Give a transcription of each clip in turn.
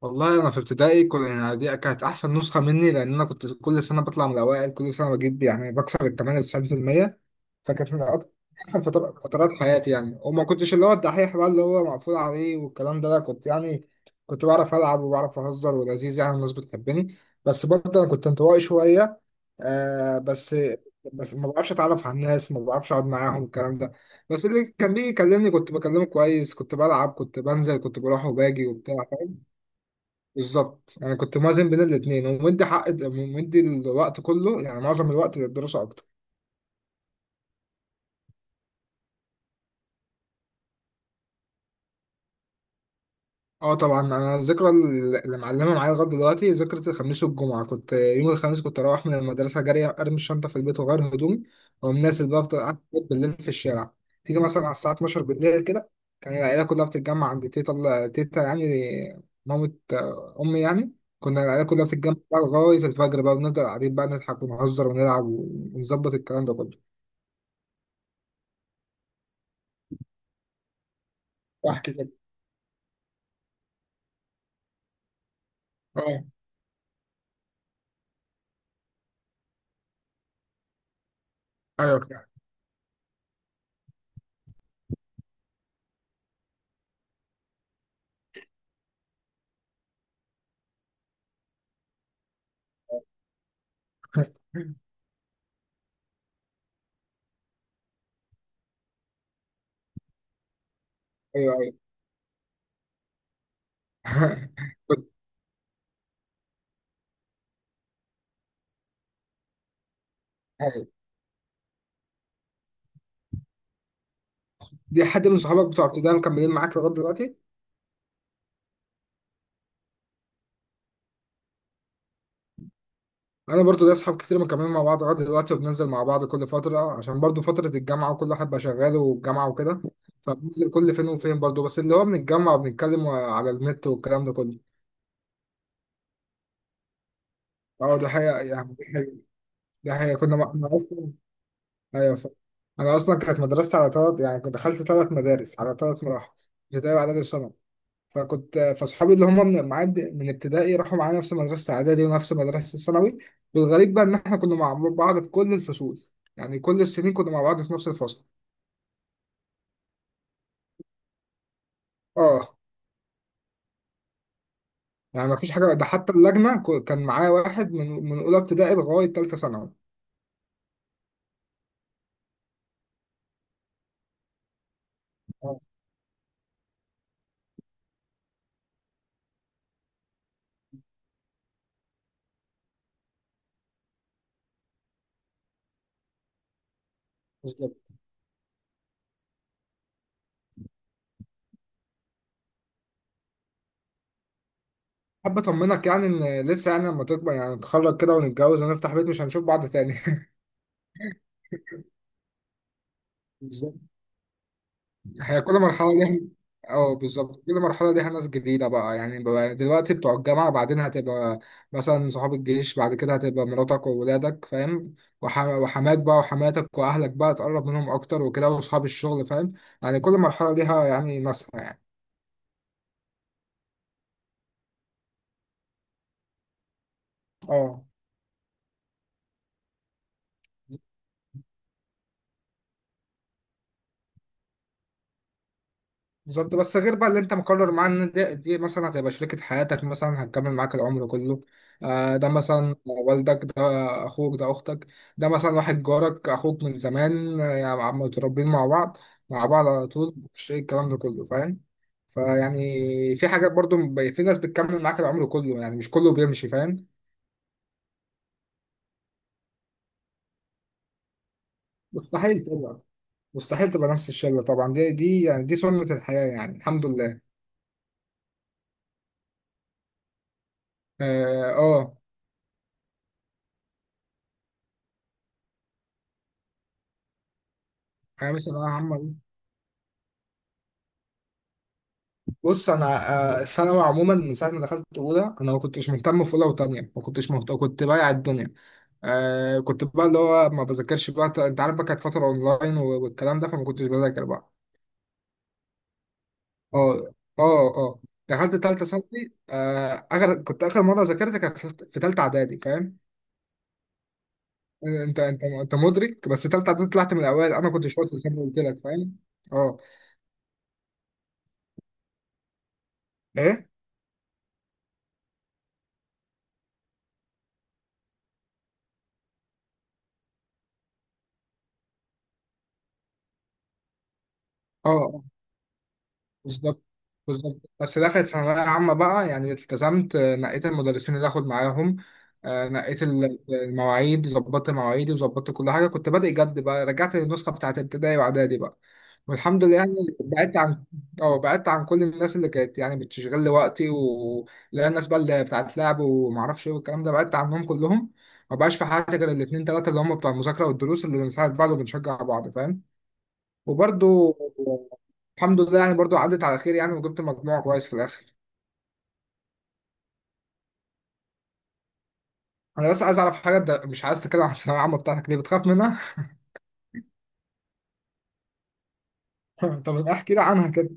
والله انا في ابتدائي دي كانت احسن نسخه مني، لان انا كنت كل سنه بطلع من الاوائل، كل سنه بجيب يعني بكسر ال 98%. فكانت من أك- احسن فترات حياتي يعني. وما كنتش اللي هو الدحيح بقى اللي هو مقفول عليه والكلام ده، لا كنت يعني كنت بعرف العب وبعرف اهزر ولذيذ يعني، الناس بتحبني. بس برضه انا كنت انطوائي شويه. آه بس، بس ما بعرفش اتعرف على الناس، ما بعرفش اقعد معاهم الكلام ده. بس اللي كان بيجي يكلمني كنت بكلمه كويس، كنت بلعب كنت بنزل كنت بروح وباجي وبتاع. بالظبط انا كنت موازن بين الاثنين، ومدي حق ومدي الوقت كله يعني معظم الوقت للدراسه اكتر. اه طبعا، انا الذكرى اللي معلمه معايا لغايه دلوقتي ذكرى الخميس والجمعه. كنت يوم الخميس كنت اروح من المدرسه جري، ارمي الشنطه في البيت واغير هدومي واقوم نازل بقى، افضل قاعد بالليل في الشارع. تيجي مثلا على الساعه 12 بالليل كده، كان العيله كلها بتتجمع عند تيتا. تيتا يعني مامة، آه، امي يعني. كنا العيله كلها بتتجمع بقى لغايه الفجر، بقى بنفضل قاعدين بقى نضحك ونهزر ونلعب ونظبط الكلام ده كله. احكي. اه ايوه فعلا. ايوه ايوه. كنت- أيوة. دي حد من صحابك بتوع ابتدائي مكملين معاك لغايه دلوقتي؟ انا برضو ليا اصحاب كتير مكملين مع بعض لغايه دلوقتي، وبننزل مع بعض كل فتره، عشان برضو فتره الجامعه وكل واحد بقى شغال والجامعه وكده. فبننزل كل فين وفين برضو، بس اللي هو بنتجمع وبنتكلم على النت والكلام ده كله. اه ده حقيقه، يعني دي حقيقه. دي حقيقه كنا انا اصلا. ايوه ف... انا اصلا كانت مدرستي على ثلاث، يعني كنت دخلت ثلاث مدارس على ثلاث مراحل، ابتدائي واعدادي وثانوي. فكنت فاصحابي اللي هم من معاد من ابتدائي راحوا معايا نفس مدرسة إعدادي ونفس مدرسة ثانوي. والغريب بقى إن إحنا كنا مع بعض في كل الفصول، يعني كل السنين كنا مع بعض في نفس الفصل. آه. يعني مفيش حاجة، ده حتى اللجنة كان معايا واحد من أولى ابتدائي لغاية تالتة ثانوي. اه بالظبط. حابب أطمنك يعني إن لسه يعني لما تكبر يعني نتخرج كده ونتجوز ونفتح بيت، مش هنشوف بعض تاني. هي كل مرحلة ليها. اه بالظبط، كل مرحلة ليها ناس جديدة بقى، يعني بقى دلوقتي بتوع الجامعة، بعدين هتبقى مثلا صحاب الجيش، بعد كده هتبقى مراتك وولادك فاهم. وحماك بقى وحماتك وأهلك بقى تقرب منهم أكتر وكده، وأصحاب الشغل فاهم. يعني كل مرحلة ليها يعني ناسها يعني. اه بالظبط. بس غير بقى اللي انت مقرر معاه ان دي مثلا هتبقى شريكة حياتك، مثلا هتكمل معاك العمر كله. آه ده مثلا والدك، ده اخوك، ده اختك. ده مثلا واحد جارك، اخوك من زمان، آه، يعني متربيين مع بعض، مع بعض على طول، مفيش ايه الكلام ده كله فاهم. فيعني في حاجات برضو في ناس بتكمل معاك العمر كله، يعني مش كله بيمشي فاهم. مستحيل تبقى. مستحيل تبقى نفس الشلة طبعا، دي يعني دي سنة الحياة يعني، الحمد لله. اه آه، انا مثلا انا عم بص، انا آه، الثانوي عموما من ساعه ما دخلت اولى انا ما كنتش مهتم، في اولى وثانيه ما كنتش مهتم، كنت بايع الدنيا. آه كنت بقى اللي هو ما بذاكرش بقى، انت عارف بقى كانت فتره اونلاين والكلام ده، فما كنتش بذاكر بقى. اه. اه اه. دخلت ثالثه ثانوي، آه اخر كنت اخر مره ذاكرت كانت في ثالثه اعدادي فاهم. انت انت مدرك بس، ثالثه اعدادي طلعت من الاوائل، انا كنت شاطر زي ما قلت لك فاهم. اه. ايه. اه بالظبط. بالظبط، بس دخلت ثانوية عامة بقى يعني التزمت، آه، نقيت المدرسين اللي آخد معاهم، آه، نقيت المواعيد، ظبطت مواعيدي وظبطت كل حاجة، كنت بادئ جد بقى، رجعت للنسخة بتاعت ابتدائي وإعدادي بقى. والحمد لله يعني. بعدت عن، أو بعدت عن كل الناس اللي كانت يعني بتشغل لي وقتي، و لا الناس بقى اللي بتاعت لعب ومعرفش إيه والكلام ده، بعدت عنهم كلهم. ما بقاش في حياتي غير الاتنين تلاتة اللي هم بتوع المذاكرة والدروس، اللي بنساعد بعض وبنشجع بعض فاهم. وبرضو الحمد لله يعني، برضو عدت على خير يعني، وجبت مجموع كويس في الاخر. انا بس عايز اعرف حاجه، انت مش عايز تتكلم عن الثانويه العامه بتاعتك ليه، بتخاف منها؟ طب احكي لي عنها كده.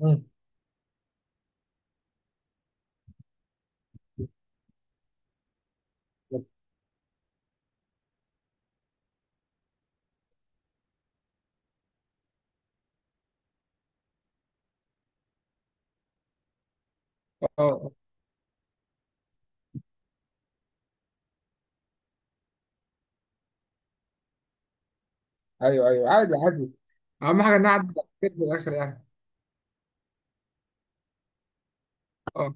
مم. اه. آه. ايوه ايوه، عادي عادي، اهم حاجه ان أنا عدت على خير في الاخر يعني. اه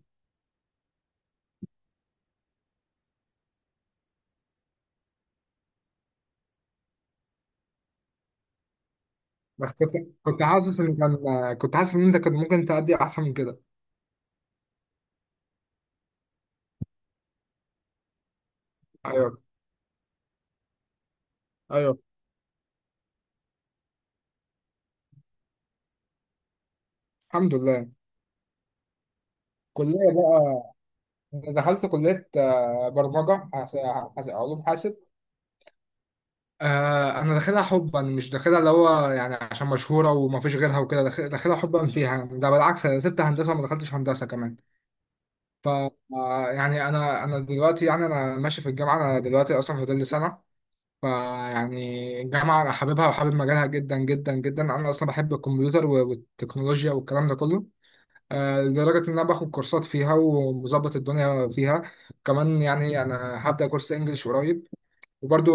بس كنت حاسس ان كنت حاسس ان انت كنت ممكن تأدي احسن من كده. ايوه. ايوه الحمد لله. كليه بقى، دخلت كليه، آه، برمجه علوم حاسب. آه انا داخلها حبا، مش داخلها اللي هو يعني عشان مشهوره وما فيش غيرها وكده، داخلها حبا فيها يعني. ده بالعكس انا سبت هندسه وما دخلتش هندسه كمان. ف آه، يعني انا دلوقتي يعني انا ماشي في الجامعه، انا دلوقتي اصلا فاضل لي سنه. فيعني الجامعه انا حاببها وحابب مجالها جدا جدا جدا، انا اصلا بحب الكمبيوتر والتكنولوجيا والكلام ده كله. آه، لدرجه ان انا باخد كورسات فيها ومظبط الدنيا فيها. كمان يعني انا هبدا كورس انجليش قريب. وبرضو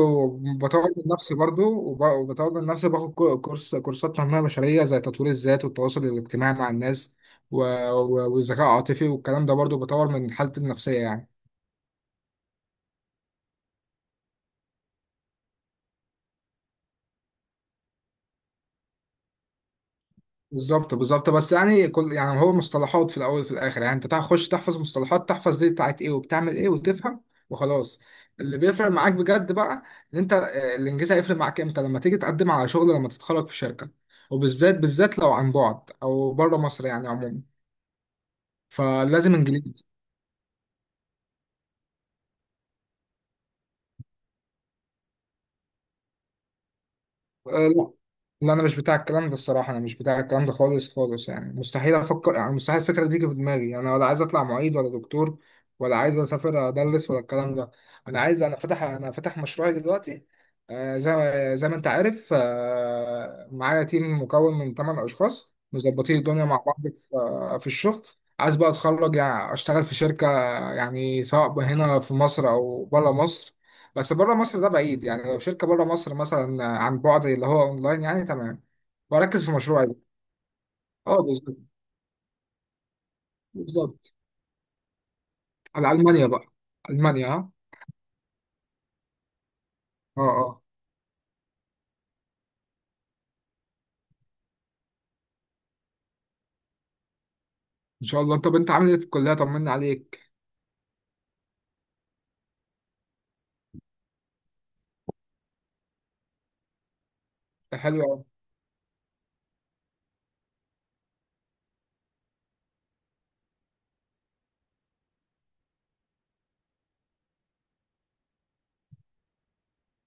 بطور من نفسي برضو وبطور من نفسي، باخد كورس كورسات تنمية بشرية، زي تطوير الذات والتواصل الاجتماعي مع الناس، و- والذكاء العاطفي والكلام ده، برضو بطور من حالتي النفسية يعني. بالظبط. بالظبط، بس يعني كل يعني هو مصطلحات في الأول وفي الآخر، يعني أنت تخش تحفظ مصطلحات، تحفظ دي بتاعت إيه وبتعمل إيه وتفهم وخلاص. اللي بيفرق معاك بجد بقى إن أنت آه، الإنجاز هيفرق معاك إمتى لما تيجي تقدم على شغل لما تتخرج في شركة، بالذات لو عن بعد أو بره مصر يعني عموما، فلازم انجليزي. أه لا. لا انا مش بتاع الكلام ده الصراحه، انا مش بتاع الكلام ده خالص خالص، يعني مستحيل افكر، يعني مستحيل الفكره دي تيجي في دماغي، انا ولا عايز اطلع معيد ولا دكتور، ولا عايز اسافر ادرس ولا الكلام ده. انا عايز، انا فاتح مشروعي دلوقتي. آه، زي ما انت عارف، آه، معايا تيم مكون من 8 اشخاص مظبطين الدنيا مع بعض في آه، في الشغل. عايز بقى اتخرج يعني اشتغل في شركه، يعني سواء هنا في مصر او بره مصر. بس بره مصر ده بعيد يعني، لو شركة بره مصر مثلا عن بعد اللي هو اونلاين يعني تمام، واركز في مشروعي ده. اه بالظبط. بالظبط. على المانيا بقى. المانيا ها. اه اه. ان شاء الله. طب انت عامل ايه في الكلية، طمنا عليك. حلو أوي.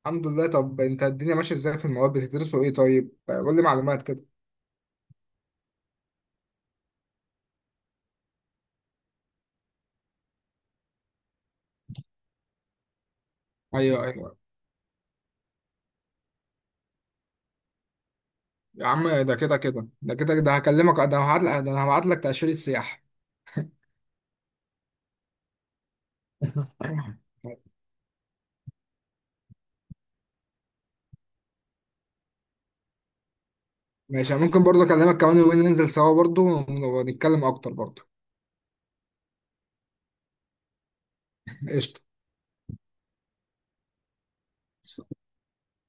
الحمد لله. طب انت الدنيا ماشية ازاي، في المواد بتدرسوا ايه طيب، آه، قول لي معلومات كده. ايوه ايوه. يا عم ده كده كده، ده كده ده هكلمك، ده هبعت لك، ده انا هبعت لك تأشيرة سياحة. ماشي، ممكن برضه اكلمك كمان يومين ننزل سوا برضه، ونتكلم اكتر برضه. قشطة.